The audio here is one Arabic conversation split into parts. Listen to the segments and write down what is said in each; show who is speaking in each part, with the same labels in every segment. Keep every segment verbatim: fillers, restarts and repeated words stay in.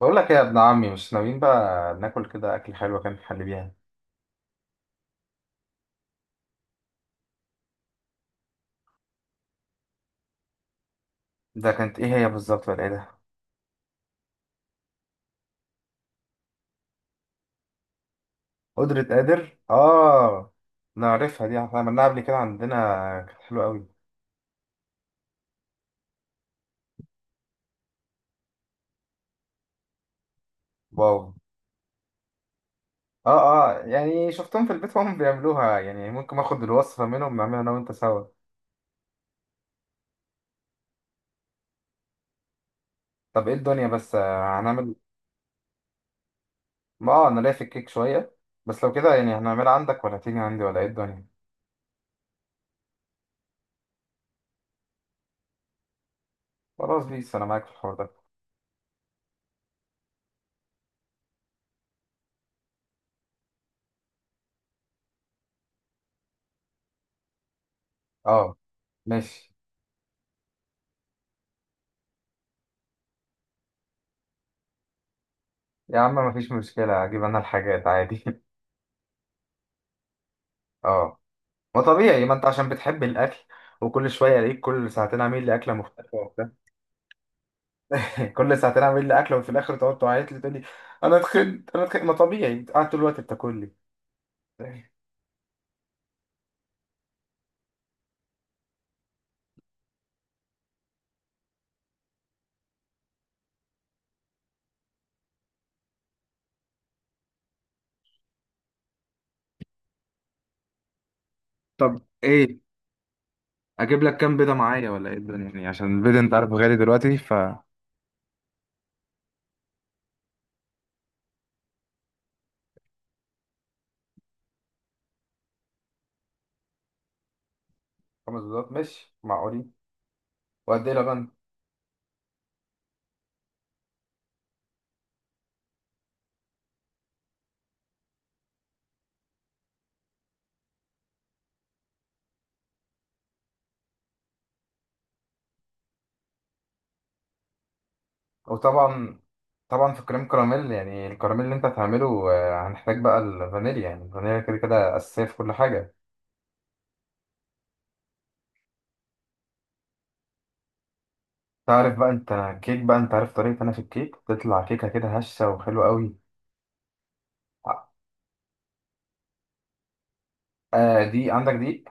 Speaker 1: بقول لك ايه يا ابن عمي، مش ناويين بقى ناكل كده اكل حلو. كان في حل بيها؟ ده كانت ايه هي بالظبط ولا ايه ده؟ قدرة قادر، اه. نعرفها دي، احنا عملناها قبل كده عندنا. كانت حلوة قوي. واو. اه. اه يعني شفتهم في البيت وهم بيعملوها، يعني ممكن اخد الوصفة منهم نعملها انا وانت سوا. طب ايه الدنيا بس، آه، هنعمل. ما آه، انا ليا في الكيك شوية. بس لو كده يعني هنعملها عندك ولا تيجي عندي ولا ايه الدنيا؟ خلاص بيس، انا معاك في الحوار ده. اه، ماشي. يا عم مفيش مشكلة، اجيب انا الحاجات عادي اه، ما طبيعي، ما انت عشان بتحب الاكل. وكل شويه الاقيك كل ساعتين عامل لي اكله مختلفه وبتاع. كل ساعتين عامل لي اكله، وفي الاخر تقعد تعيط لي تقول لي انا اتخنت انا اتخنت. ما طبيعي انت قاعد طول الوقت بتاكل لي. طب ايه، اجيب لك كام بيضه معايا ولا ايه الدنيا؟ يعني عشان البيضه انت عارف غالي دلوقتي، ف خمس بيضات ماشي معقولين. وقد ايه لبن؟ وطبعا، طبعا في كريم كراميل، يعني الكراميل اللي انت هتعمله آه، هنحتاج بقى الفانيليا. يعني الفانيليا كده كده اساسيه في كل حاجه. تعرف بقى انت كيك، بقى انت عارف طريقة انا في الكيك بتطلع كيكة كده هشة وحلوة قوي. آه دي عندك دي.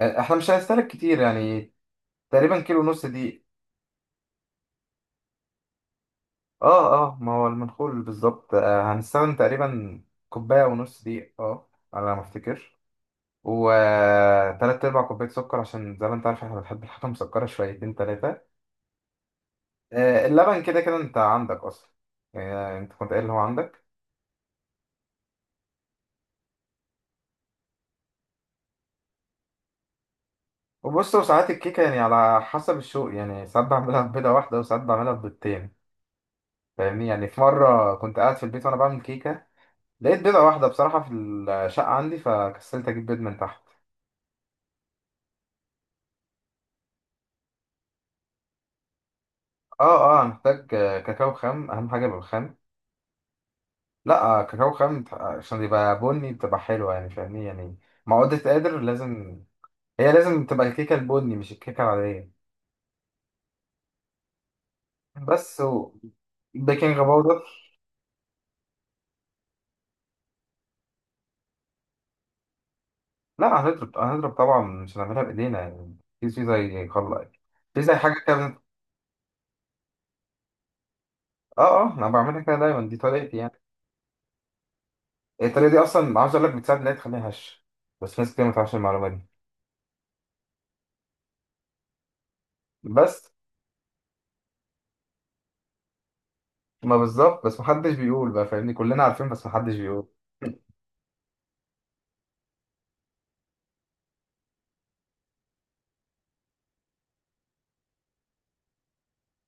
Speaker 1: آه احنا مش هنستهلك كتير يعني، تقريبا كيلو ونص دي. اه، اه ما هو المنخول بالظبط. آه هنستخدم تقريبا كوباية ونص دي، اه، على ما افتكر. وتلات ارباع كوباية سكر، عشان زي ما انت عارف احنا بنحب الحاجة مسكرة شويتين تلاتة. آه اللبن كده كده انت عندك اصلا، يعني انت كنت قايل ان هو عندك. وبص، وساعات الكيكة يعني على حسب الشوق، يعني ساعات بعملها ببيضة واحدة وساعات بعملها ببيضتين. فاهمني؟ يعني في مرة كنت قاعد في البيت وأنا بعمل كيكة، لقيت بيضة واحدة بصراحة في الشقة عندي، فكسلت أجيب بيض من تحت. اه، اه أنا محتاج آه، كاكاو خام، أهم حاجة بالخام. لا آه، كاكاو خام ت- عشان يبقى بني بتبقى حلوة يعني، فاهمني يعني. معقودة قادر لازم، هي لازم تبقى الكيكة البني مش الكيكة العادية. بس و... بيكنج باودر. لا هنضرب هنضرب طبعا، مش هنعملها بايدينا يعني، في في زي خلاص. في زي حاجه كده بن- اه. اه انا بعملها كده دايما، دي طريقتي يعني. الطريقه دي اصلا عاوز اقول لك بتساعد ان هي تخليها هش، بس ناس كتير ما تعرفش المعلومه دي. بس ما بالظبط، بس محدش بيقول بقى فاهمني، كلنا عارفين بس محدش بيقول.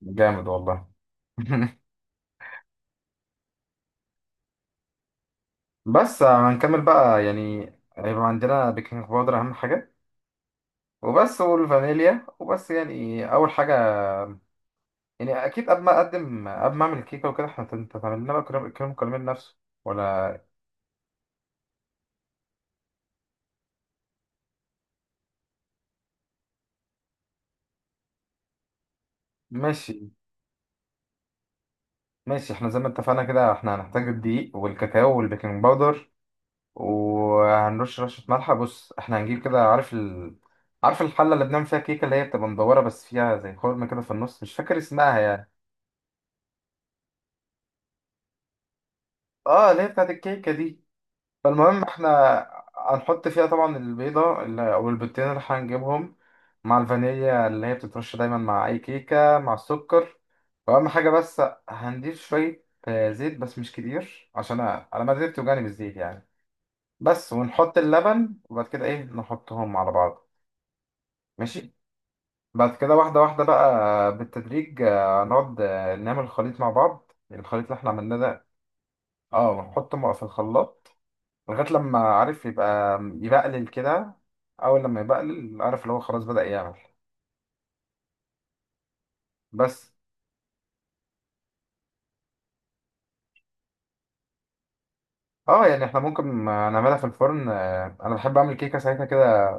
Speaker 1: جامد والله. بس هنكمل بقى يعني. هيبقى عندنا بيكنج باودر اهم حاجه، وبس، والفانيليا، وبس يعني اول حاجه. يعني اكيد قبل ما اقدم، قبل ما اعمل الكيكه وكده، احنا هتعمل لنا بقى كريم، كريم الكراميل نفسه ولا؟ ماشي. ماشي احنا زي ما اتفقنا كده احنا هنحتاج الدقيق والكاكاو والبيكنج باودر، وهنرش رشة ملح. بص احنا هنجيب كده، عارف ال... عارف الحلة اللي بنعمل فيها كيكة اللي هي بتبقى مدورة بس فيها زي خرم كده في النص، مش فاكر اسمها يعني. اه اللي هي بتاعت الكيكة دي. فالمهم احنا هنحط فيها طبعا البيضة اللي- او البيضتين اللي هنجيبهم، مع الفانيليا اللي هي بتترش دايما مع اي كيكة، مع السكر. واهم حاجة بس هنضيف شوية آه، زيت، بس مش كتير عشان انا أنا معدتي بتوجعني بالزيت يعني. بس ونحط اللبن، وبعد كده ايه نحطهم على بعض. ماشي. بعد كده واحدة واحدة بقى آه، بالتدريج، آه، نقعد آه، نعمل الخليط مع بعض، الخليط اللي احنا عملناه ده. اه ونحطه في الخلاط لغاية لما عارف يبقى يبقلل كده. أول لما يبقلل، عارف اللي هو خلاص بدأ يعمل. بس. اه يعني احنا ممكن آه، نعملها في الفرن، آه، انا بحب اعمل كيكه ساعتها كده،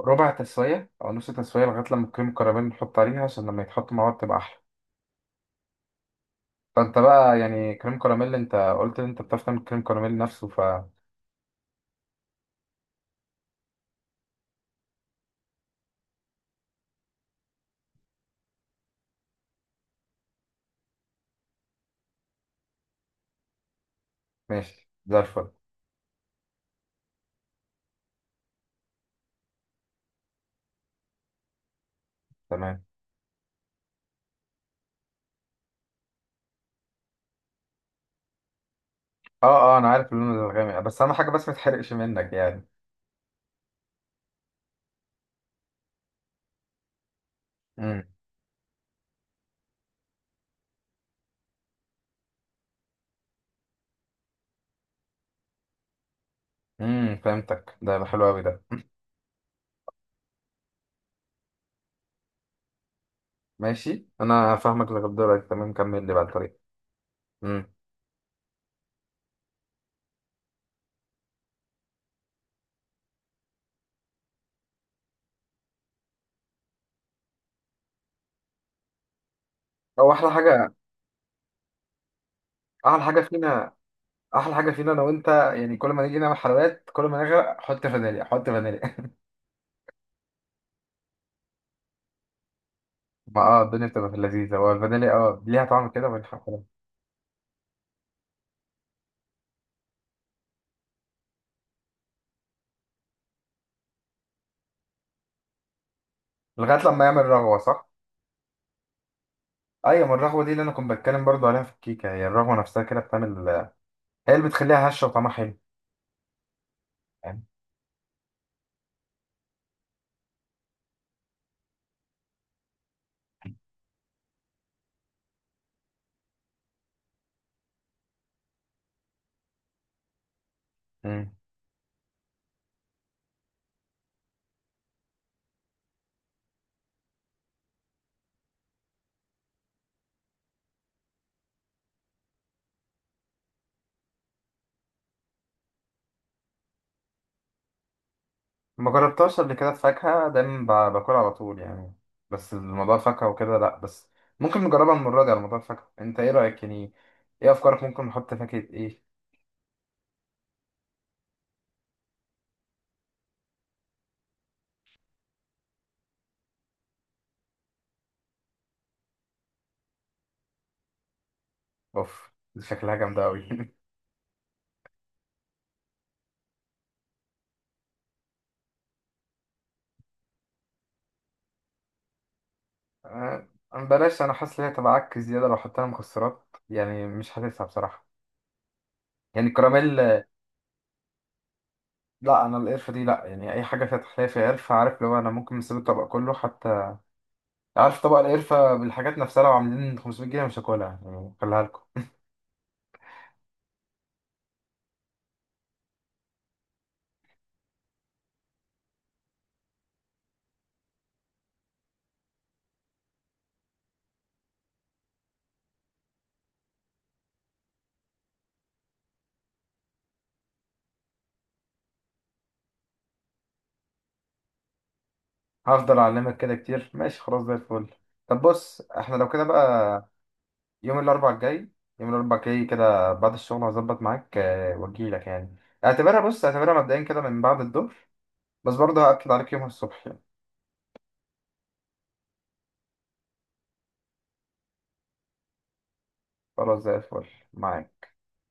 Speaker 1: ربع تسويه او نص تسويه، لغايه لما الكريم كراميل نحط عليها، عشان لما يتحط مع بعض تبقى احلى. فانت بقى يعني كريم كراميل، انت قلت ان انت بتعرف تعمل كريم كراميل نفسه. فماشي زي الفل. تمام. اه، اه انا عارف اللون الغامق، بس اهم حاجه بس ما تحرقش منك يعني. امم امم فهمتك، ده حلو قوي ده. ماشي، انا فاهمك لغايه دلوقتي تمام، كمل لي بقى الطريق. امم. هو احلى حاجه. احلى حاجه فينا. احلى حاجه فينا انا وانت، يعني كل ما نيجي نعمل حلويات كل ما نغرق، حط فانيليا، حط فانيليا. ما اه الدنيا بتبقى في اللذيذه، هو الفانيليا اه ليها طعم كده من حفلة. لغايه لما يعمل رغوه، صح؟ ايوه، ما الرغوه دي اللي انا كنت بتكلم برضو عليها في الكيكه، هي الرغوه نفسها كده بتعمل، هي اللي بتخليها هشه وطعمها حلو. امم. ما جربتهاش قبل كده، الفاكهة دايما ب- باكلها على طول يعني، بس الموضوع الفاكهة وكده لأ، بس ممكن نجربها المرة دي على موضوع الفاكهة. أنت إيه رأيك يعني؟ إيه أفكارك؟ ممكن نحط فاكهة إيه؟ أوف، دي شكلها جامدة أوي. آه، بلاش، أنا حاسس إن هي تبقى عك زيادة لو حطينا مكسرات، يعني مش حاسسها بصراحة، يعني الكراميل. لأ أنا القرفة دي لأ، يعني أي حاجة فيها تحلية فيها قرفة، عارف لو أنا ممكن نسيب الطبق كله حتى، عارف طبق القرفة بالحاجات نفسها لو عاملين خمسميت جنيه مش هاكلها يعني، خليها لكم. هفضل اعلمك كده كتير، ماشي خلاص، زي الفل. طب بص احنا لو كده بقى، يوم الاربعاء الجاي، يوم الاربعاء الجاي كده بعد الشغل هظبط معاك آه، واجيلك يعني. اعتبرها، بص اعتبرها مبدئيا كده من بعد الظهر، بس برضه هأكد عليك يومها الصبح يعني. خلاص زي الفل. معاك.